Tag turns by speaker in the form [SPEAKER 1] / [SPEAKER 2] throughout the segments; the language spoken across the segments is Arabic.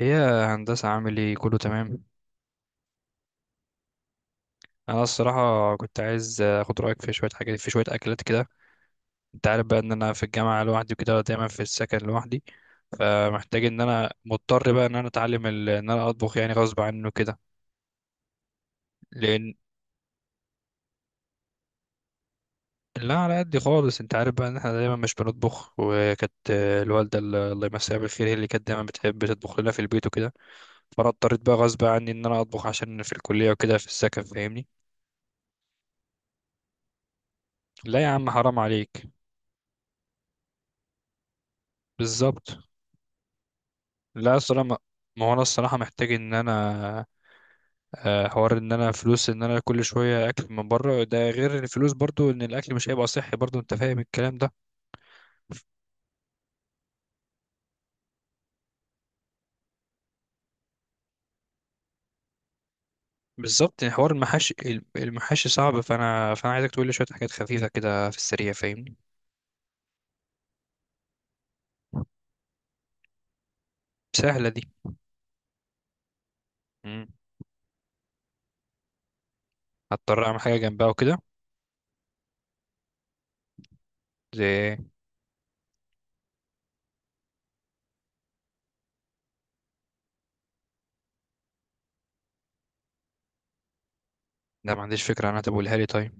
[SPEAKER 1] ايه يا هندسة، عامل ايه؟ كله تمام؟ انا الصراحة كنت عايز اخد رأيك في شوية حاجات، في شوية اكلات كده. انت عارف بقى ان انا في الجامعة لوحدي وكده، دايما في السكن لوحدي. فمحتاج ان انا مضطر بقى ان انا اتعلم ان انا اطبخ يعني غصب عنه كده. لان. لا، على قد خالص، انت عارف بقى ان احنا دايما مش بنطبخ، وكانت الوالدة الله يمسيها بالخير، هي اللي كانت دايما بتحب تطبخ لنا في البيت وكده. فانا اضطريت بقى غصب عني ان انا اطبخ عشان في الكلية وكده في السكن، فاهمني. لا يا عم، حرام عليك. بالظبط. لا الصراحة ما. ما هو انا الصراحة محتاج ان انا. حوار ان انا فلوس، ان انا كل شوية اكل من بره، ده غير الفلوس برضو ان الاكل مش هيبقى صحي برضو، انت فاهم الكلام ده. بالظبط، يعني حوار المحاشي. المحاشي صعب، فانا عايزك تقول لي شوية حاجات خفيفة كده في السريع، فاهمني. سهلة دي. مم. هضطر اعمل حاجة جنبها وكده. زي إيه؟ لا ما عنديش فكرة، انا تقولها لي طيب.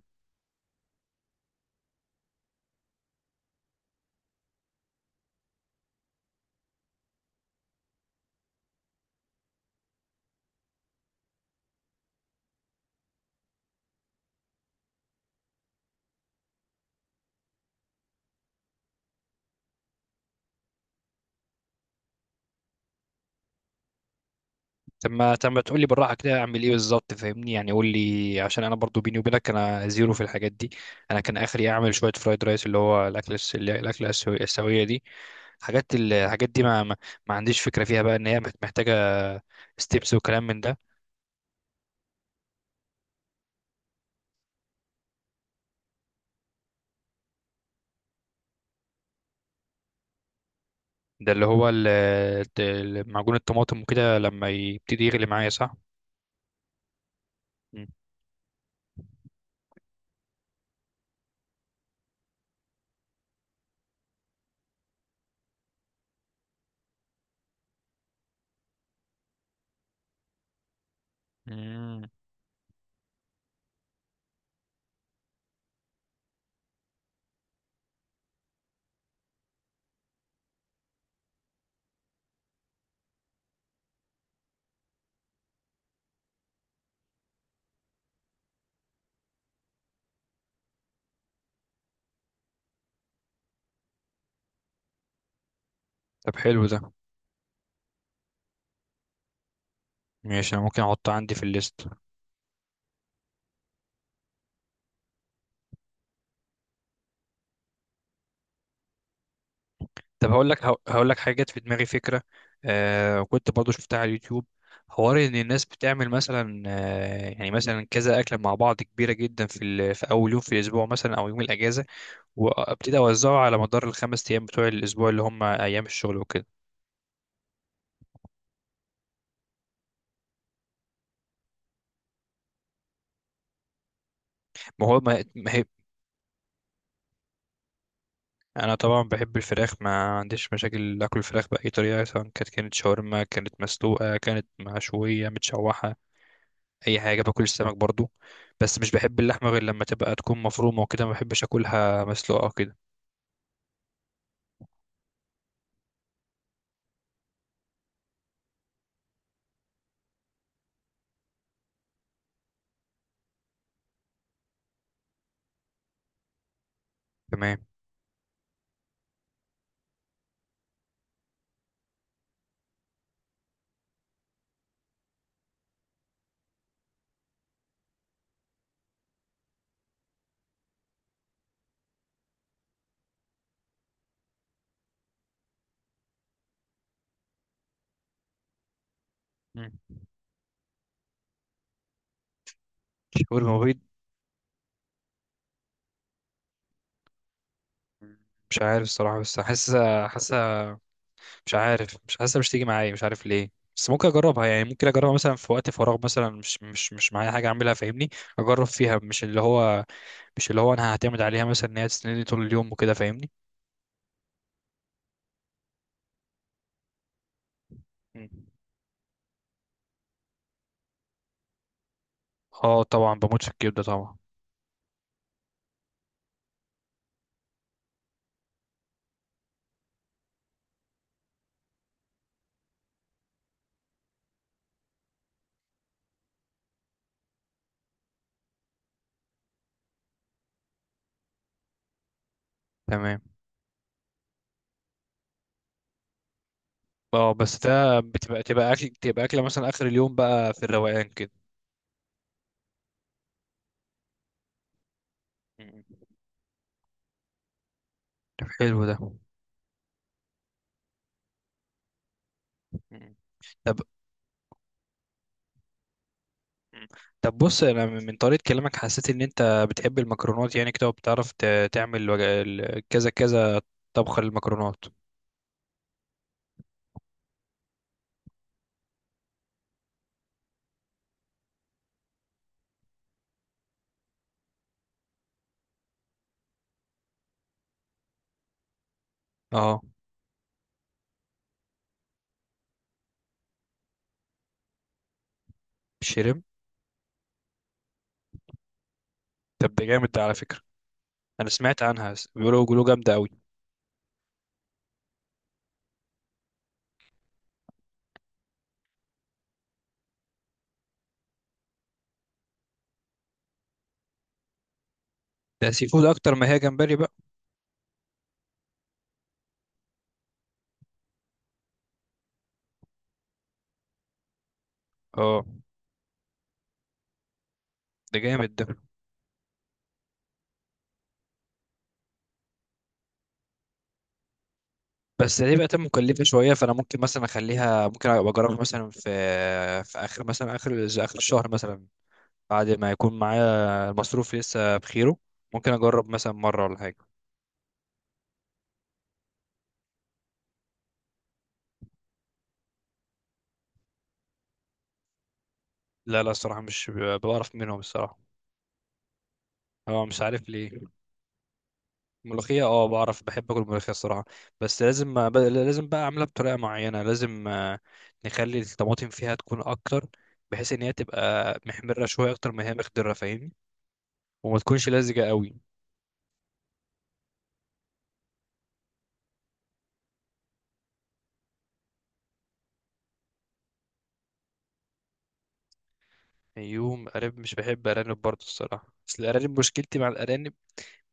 [SPEAKER 1] طب ما تقول لي بالراحه كده، اعمل ايه بالظبط، فاهمني، يعني قول لي عشان انا برضو بيني وبينك انا زيرو في الحاجات دي. انا كان اخري اعمل شويه فرايد رايس، اللي هو الاكل الاكله السويه دي. حاجات الحاجات دي ما عنديش فكره فيها بقى ان هي محتاجه ستيبس وكلام من ده. ده اللي هو معجون الطماطم وكده، لما يبتدي يغلي معايا صح؟ مم. مم. طب حلو ده. ماشي، انا ممكن احطه عندي في الليست. طب هقول لك حاجه جت في دماغي فكره. كنت برضو شفتها على اليوتيوب. حوار ان الناس بتعمل مثلا يعني مثلا كذا اكله مع بعض كبيره جدا في في اول يوم في الاسبوع مثلا، او يوم الاجازه، وابتدي اوزعه على مدار الخمس ايام بتوع الاسبوع اللي هم ايام الشغل وكده. ما هو ما هي. انا طبعا بحب الفراخ، ما عنديش مشاكل اكل الفراخ باي طريقه، سواء كانت شاورما، كانت مسلوقه، كانت مشويه، متشوحه. اي حاجه، باكل السمك برضو. بس مش بحب اللحمه غير لما تبقى تكون مفرومه وكده، ما بحبش اكلها مسلوقه وكده. تمام. مم. شاورما بيض. مش عارف الصراحه، بس حاسه حاسه. مش عارف، مش حاسه، مش تيجي معايا، مش عارف ليه. بس ممكن اجربها، يعني ممكن اجربها مثلا في وقت فراغ مثلا، مش معايا حاجه اعملها، فاهمني. اجرب فيها مش اللي هو انا هعتمد عليها مثلا ان هي تسندني طول اليوم وكده، فاهمني. مم. اه طبعا، بموت في الكبده طبعا. تمام. اه بس ده بتبقى تبقى اكل تبقى اكله مثلا اخر اليوم بقى في الروقان كده. مم. طب حلو ده. مم. طب. مم. طب بص، انا من طريقه كلامك حسيت ان انت بتحب المكرونات، يعني كده وبتعرف تعمل كذا كذا طبخه للمكرونات. اه. شرم. طب ده جامد ده على فكره. انا سمعت عنها بيقولوا جامده قوي. ده سي فود اكتر ما هي جمبري بقى. اه ده جامد ده. بس دي بقت مكلفة شوية، فأنا ممكن مثلا أخليها، ممكن أبقى أجربها مثلا في آخر مثلا آخر الشهر مثلا، بعد ما يكون معايا المصروف لسه بخيره. ممكن أجرب مثلا مرة ولا حاجة. لا لا، الصراحة مش بعرف منهم الصراحة. هو مش عارف ليه. ملوخية، اه بعرف، بحب اكل ملوخية الصراحة. بس لازم لازم بقى اعملها بطريقة معينة، لازم نخلي الطماطم فيها تكون اكتر، بحيث ان هي تبقى محمرة شوية اكتر ما هي مخضرة فاهمني، وما تكونش لزجة قوي. يوم ارانب، مش بحب ارانب برضه الصراحه، بس الارانب مشكلتي مع الارانب.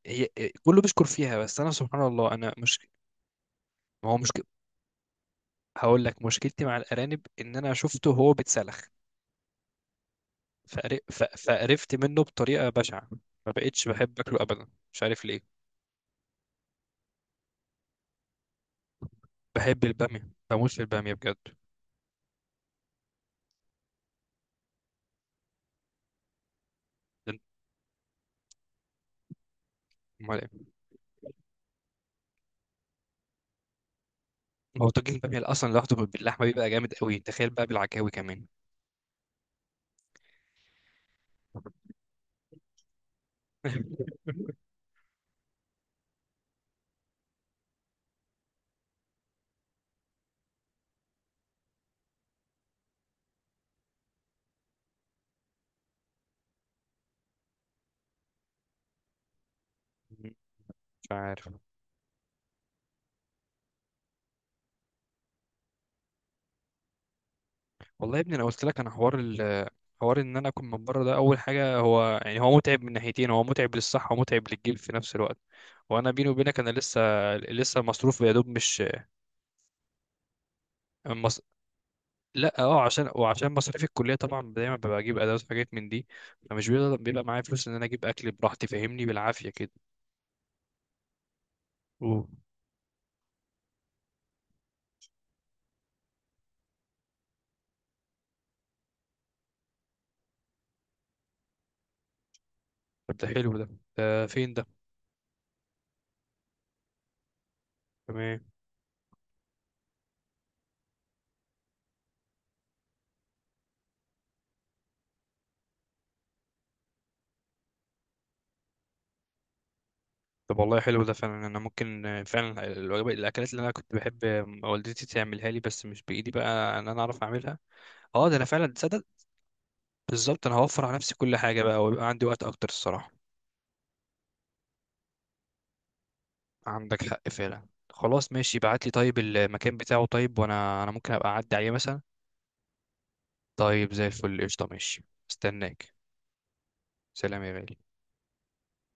[SPEAKER 1] هي. كله بيشكر فيها بس انا، سبحان الله، انا مش. ما هو مشكل. هقول لك مشكلتي مع الارانب، ان انا شفته وهو بيتسلخ، فقرفت منه بطريقه بشعه، ما بقتش بحب اكله ابدا مش عارف ليه. بحب الباميه، بموت في الباميه بجد. امال إيه؟ ما هو طاجن الباميه اصلا لوحده باللحمه بيبقى جامد قوي، تخيل بقى بالعكاوي كمان. مش عارف. والله يا ابني، انا قلت لك، انا حوار ان انا اكون من بره ده اول حاجه، هو يعني هو متعب من ناحيتين، هو متعب للصحه ومتعب للجيب في نفس الوقت. وانا بيني وبينك انا لسه مصروف يا دوب مش مص... لا اه، عشان مصاريف الكليه طبعا دايما ببقى اجيب ادوات وحاجات من دي. فمش بيبقى معايا فلوس ان انا اجيب اكل براحتي فاهمني، بالعافيه كده. اوه. طب ده حلو ده، ده فين ده؟ تمام. طب والله حلو ده فعلا، انا ممكن فعلا الوجبات الاكلات اللي انا كنت بحب والدتي تعملها لي، بس مش بايدي بقى ان انا اعرف اعملها. اه ده انا فعلا تصدق. بالظبط، انا هوفر على نفسي كل حاجه بقى ويبقى عندي وقت اكتر الصراحه. عندك حق فعلا، خلاص ماشي، ابعت لي طيب المكان بتاعه طيب، وانا انا ممكن ابقى اعدي عليه مثلا. طيب زي الفل قشطه ماشي. استناك. سلام يا غالي.